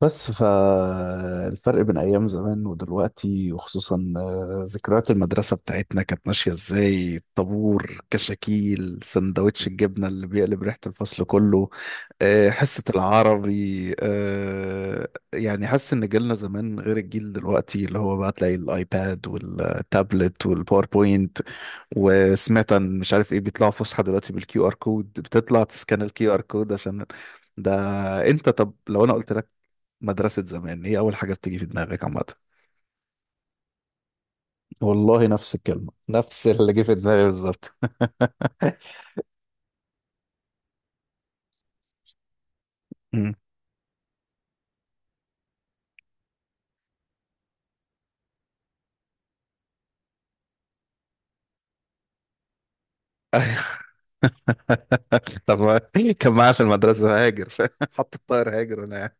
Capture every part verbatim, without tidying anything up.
بس فالفرق بين أيام زمان ودلوقتي وخصوصا آه، ذكريات المدرسة بتاعتنا كانت ماشية ازاي، الطابور، كشاكيل سندوتش الجبنة اللي بيقلب ريحة الفصل كله. آه، حصة العربي. آه، يعني حاسس إن جيلنا زمان غير الجيل دلوقتي، اللي هو بقى تلاقي الآيباد والتابلت والباوربوينت. وسمعت عن مش عارف ايه، بيطلعوا فسحة دلوقتي بالكيو ار كود، بتطلع تسكان الكيو ار كود عشان ده. انت طب لو انا قلت لك مدرسة زمان، هي أول حاجة بتيجي في دماغك عامة؟ والله نفس الكلمة، نفس اللي جه في دماغي بالظبط. مم. طب ما- كان معايا في المدرسة هاجر. حط الطائر هاجر هنا.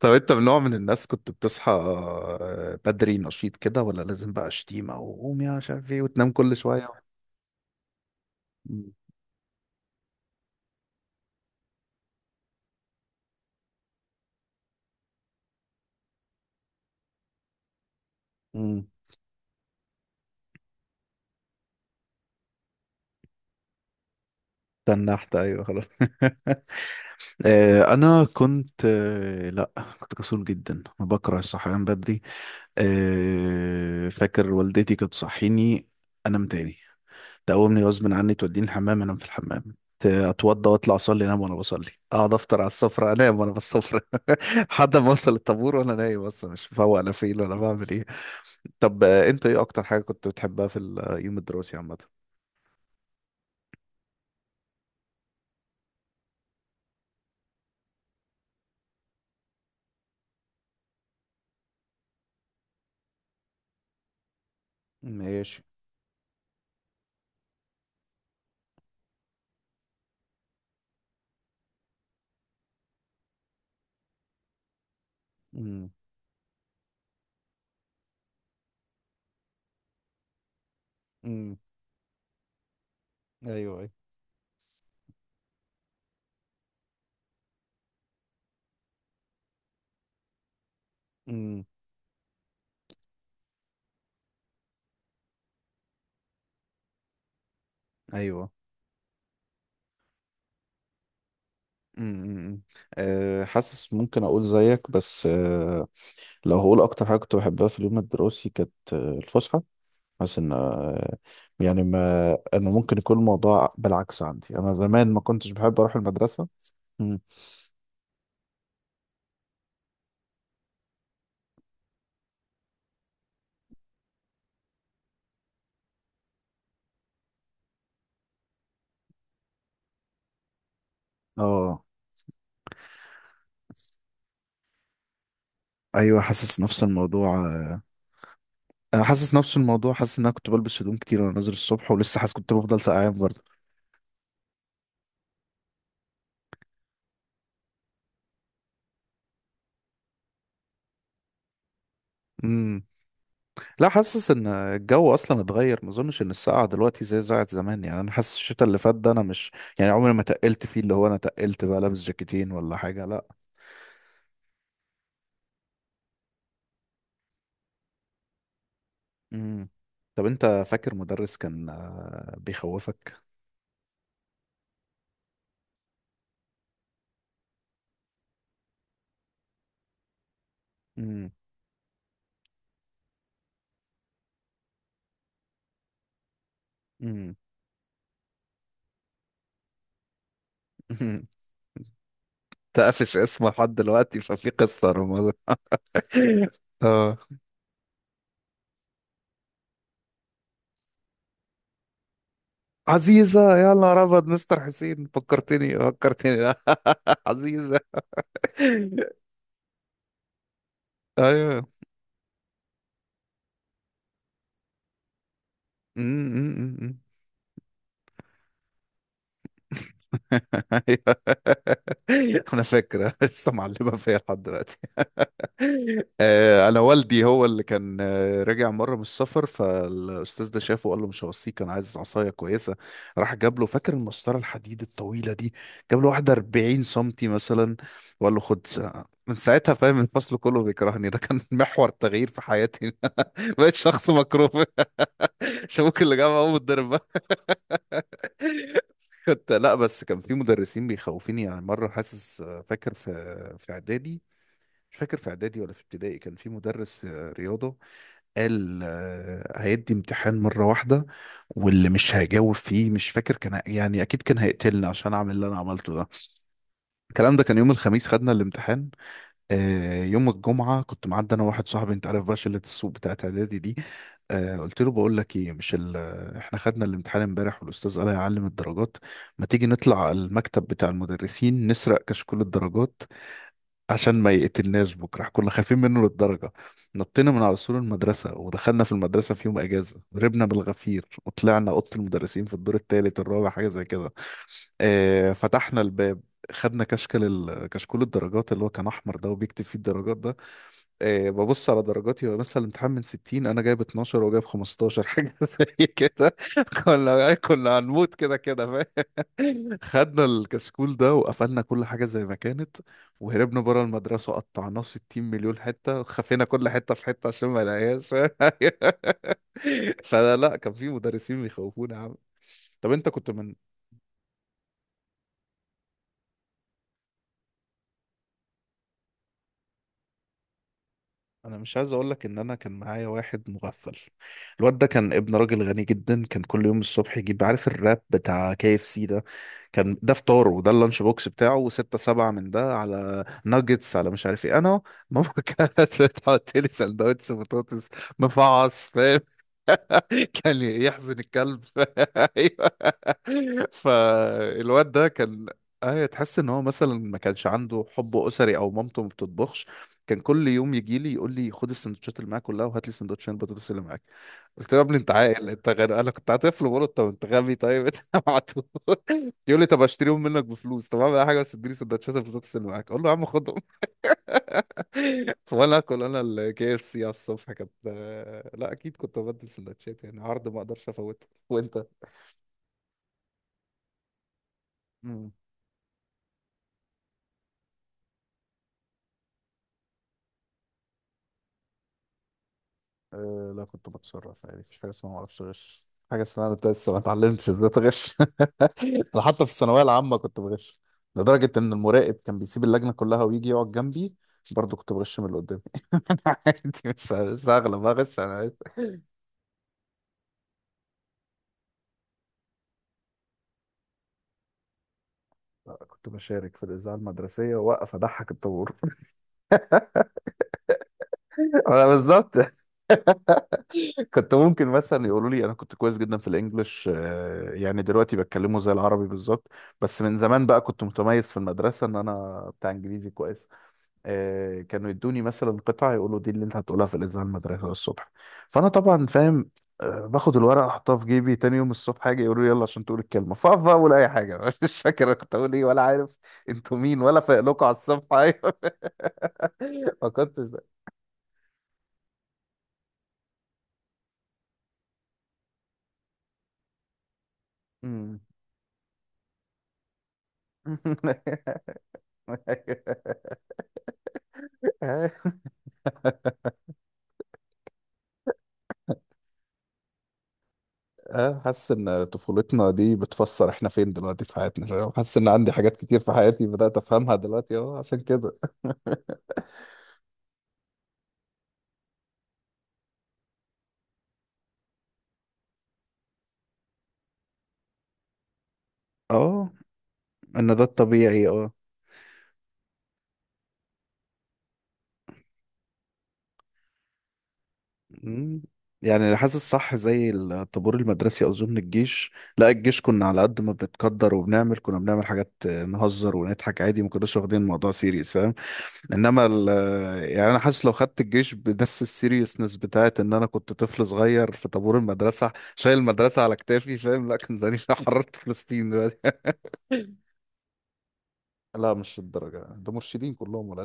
طب أنت من نوع من الناس كنت بتصحى بدري نشيط كده، ولا لازم بقى شتيمة وقوم يا مش عارف إيه، وتنام كل شوية؟ مم. مم. تنحت، أيوه، خلاص. آه، أنا كنت آه، لأ، كنت كسول جدا. أنا بكره الصحيان بدري. آه، فاكر والدتي كانت تصحيني، انام تاني، تقومني غصب عني، توديني الحمام انام في الحمام، ت- اتوضى واطلع اصلي انام وانا بصلي، اقعد افطر على السفره انام وانا بالسفره. لحد ما اوصل الطابور وانا نايم اصلا، مش مفوق انا فين ولا بعمل ايه. طب آه، انت ايه اكتر حاجه كنت بتحبها في اليوم الدراسي عامه؟ ماشي. امم. امم. ايوه، ايوه. امم. ايوه. امم. أمم. أه، حاسس ممكن اقول زيك بس أه. لو هقول اكتر حاجه كنت بحبها في اليوم الدراسي، كانت آه، الفسحه. حاسس ان آه، يعني ما انا ممكن يكون الموضوع بالعكس عندي، انا زمان ما كنتش بحب اروح المدرسه. مم. اه. ايوه، حاسس نفس الموضوع. آه، انا حاسس نفس الموضوع، حاسس ان انا كنت بلبس هدوم كتير وانا نازل الصبح، ولسه حاسس كنت بفضل سقعان برضه. امم. لا، حاسس ان الجو اصلا اتغير، ما اظنش ان السقعه دلوقتي زي ساعه زمان. يعني انا حاسس الشتاء اللي فات ده انا مش يعني عمري ما تقلت فيه، اللي هو انا تقلت بقى لابس جاكيتين ولا حاجه، لا. مم. طب انت فاكر مدرس كان آه، بيخوفك؟ مم. مم. تقفش اسمه لحد دلوقتي، ففي قصة رمضان. اه. عزيزة يا نهار أبيض، مستر حسين، فكرتني فكرتني. عزيزة. أيوه. أيوة. انا فاكره لسه معلمه فيا لحد دلوقتي. آه، انا والدي هو اللي كان آه، راجع مره من السفر، فالاستاذ ده شافه وقال له مش هوصيك انا عايز عصايه كويسه. راح جاب له، فاكر المسطره الحديد الطويله دي، جاب له واحده 40 سنتي مثلا، وقال له خد ساعة. من ساعتها فاهم الفصل كله بيكرهني، ده كان محور تغيير في حياتي. بقيت شخص مكروه. شابوك اللي جاب ابو الدرب. كنت، لا بس كان في مدرسين بيخوفوني يعني، مرة حاسس فاكر في في إعدادي مش فاكر في إعدادي ولا في ابتدائي، كان في مدرس رياضة قال آه، هيدي امتحان مرة واحدة، واللي مش هيجاوب فيه مش فاكر كان يعني، أكيد كان هيقتلني عشان أعمل اللي أنا عملته ده. الكلام ده كان يوم الخميس، خدنا الامتحان. آه، يوم الجمعة كنت معدي أنا وواحد صاحبي، أنت عارف بقى شلة السوق بتاعت إعدادي دي، آه، قلت له بقول لك إيه مش ال... آه، إحنا خدنا الامتحان إمبارح والأستاذ قال هيعلم الدرجات، ما تيجي نطلع المكتب بتاع المدرسين نسرق كشكول الدرجات عشان ما يقتلناش بكرة؟ كنا خايفين منه للدرجة. نطينا من على سور المدرسة ودخلنا في المدرسة في يوم أجازة، هربنا بالغفير وطلعنا أوضة المدرسين في الدور التالت الرابع حاجة زي كده. آه، فتحنا الباب، خدنا كشكل ال... كشكول الدرجات اللي هو كان أحمر ده وبيكتب فيه الدرجات ده، إيه، ببص على درجاتي، هو مثلا الامتحان من ستين انا جايب اتناشر وجايب خمستاشر حاجه زي كده. كنا كنا هنموت كده كده فاهم. خدنا الكشكول ده وقفلنا كل حاجه زي ما كانت، وهربنا بره المدرسه، قطعناه 60 مليون حته وخفينا كل حته في حته عشان ما نلاقيهاش، فاهم؟ فلا لا، كان في مدرسين بيخوفونا يا عم. طب انت كنت من، انا مش عايز اقول لك ان انا كان معايا واحد مغفل. الواد ده كان ابن راجل غني جدا، كان كل يوم الصبح يجيب عارف الراب بتاع كي اف سي ده، كان ده فطاره، وده اللانش بوكس بتاعه، وستة سبعة من ده على ناجتس على مش عارف ايه، انا ماما كانت بتحط لي سندوتش بطاطس مفعص فاهم. كان يحزن الكلب. ايوه، فالواد ده كان، ايوه، تحس ان هو مثلا ما كانش عنده حب اسري او مامته ما بتطبخش، كان كل يوم يجي لي يقول لي خد السندوتشات اللي معاك كلها وهات لي سندوتشين البطاطس اللي معاك. قلت له يا ابني انت عاقل؟ انت غير، انا كنت طفل بقول له طب انت غبي، طيب انت معتوه. يقول لي طب اشتريهم منك بفلوس، طب اعمل اي حاجه بس اديني سندوتشات البطاطس اللي معاك. اقول له يا عم خد. وانا اكل انا الكي اف سي على الصبح، كانت لا اكيد كنت ببدل سندوتشات، يعني عرض ما اقدرش افوته. وانت. مم. أه لا، كنت بتصرف عادي، مفيش حاجة اسمها معرفش أغش، حاجة اسمها أنا لسه ما اتعلمتش ازاي تغش. أنا حتى في الثانوية العامة كنت بغش لدرجة إن المراقب كان بيسيب اللجنة كلها ويجي يقعد جنبي، برضه كنت بغش من اللي قدامي. أنا عادي، مش مش هغلب أغش أنا، عادي. لا، كنت بشارك في الإذاعة المدرسية، وأقف أضحك الطابور. أنا بالظبط. كنت ممكن مثلا يقولوا لي انا كنت كويس جدا في الانجليش، آه، يعني دلوقتي بتكلمه زي العربي بالظبط، بس من زمان بقى كنت متميز في المدرسه ان انا بتاع انجليزي كويس. آه، كانوا يدوني مثلا قطعه يقولوا دي اللي انت هتقولها في الاذاعه المدرسه الصبح، فانا طبعا فاهم، آه، باخد الورقه احطها في جيبي، تاني يوم الصبح حاجه يقولوا لي يلا عشان تقول الكلمه، فاقف بقى اقول اي حاجه. مش فاكر أنا كنت اقول ايه ولا عارف انتوا مين، ولا فايق لكم على الصبح، ايوه. ما كنتش ده. مم. أيوه. اه، حاسس ان طفولتنا دي بتفسر احنا فين دلوقتي في حياتنا، فاهم؟ حاسس ان عندي حاجات كتير في حياتي بدأت افهمها دلوقتي اه عشان كده. اه، ان ده الطبيعي، اه. مم. يعني اللي حاسس صح زي الطابور المدرسي، اظن الجيش، لا، الجيش كنا على قد ما بنتقدر وبنعمل، كنا بنعمل حاجات نهزر ونضحك عادي، ما كناش واخدين الموضوع سيريس. انما ال، يعني انا حاسس لو خدت الجيش بنفس السيريسنس بتاعت ان انا كنت طفل صغير في طابور المدرسه شايل المدرسه على كتافي، فاهم؟ لا كان زماني حررت فلسطين دلوقتي. لا مش الدرجه ده، مرشدين كلهم ولا.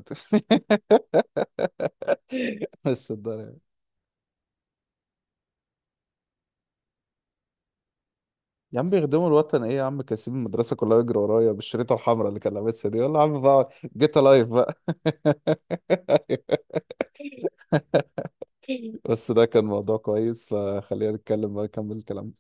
بس الدرجه، يا عم بيخدموا الوطن ايه يا عم، كاسبين المدرسه كلها يجري ورايا بالشريطه الحمراء اللي كان لابسها دي، يلا يا عم بقى. جيت لايف بقى. بس ده كان موضوع كويس، فخلينا نتكلم بقى نكمل الكلام.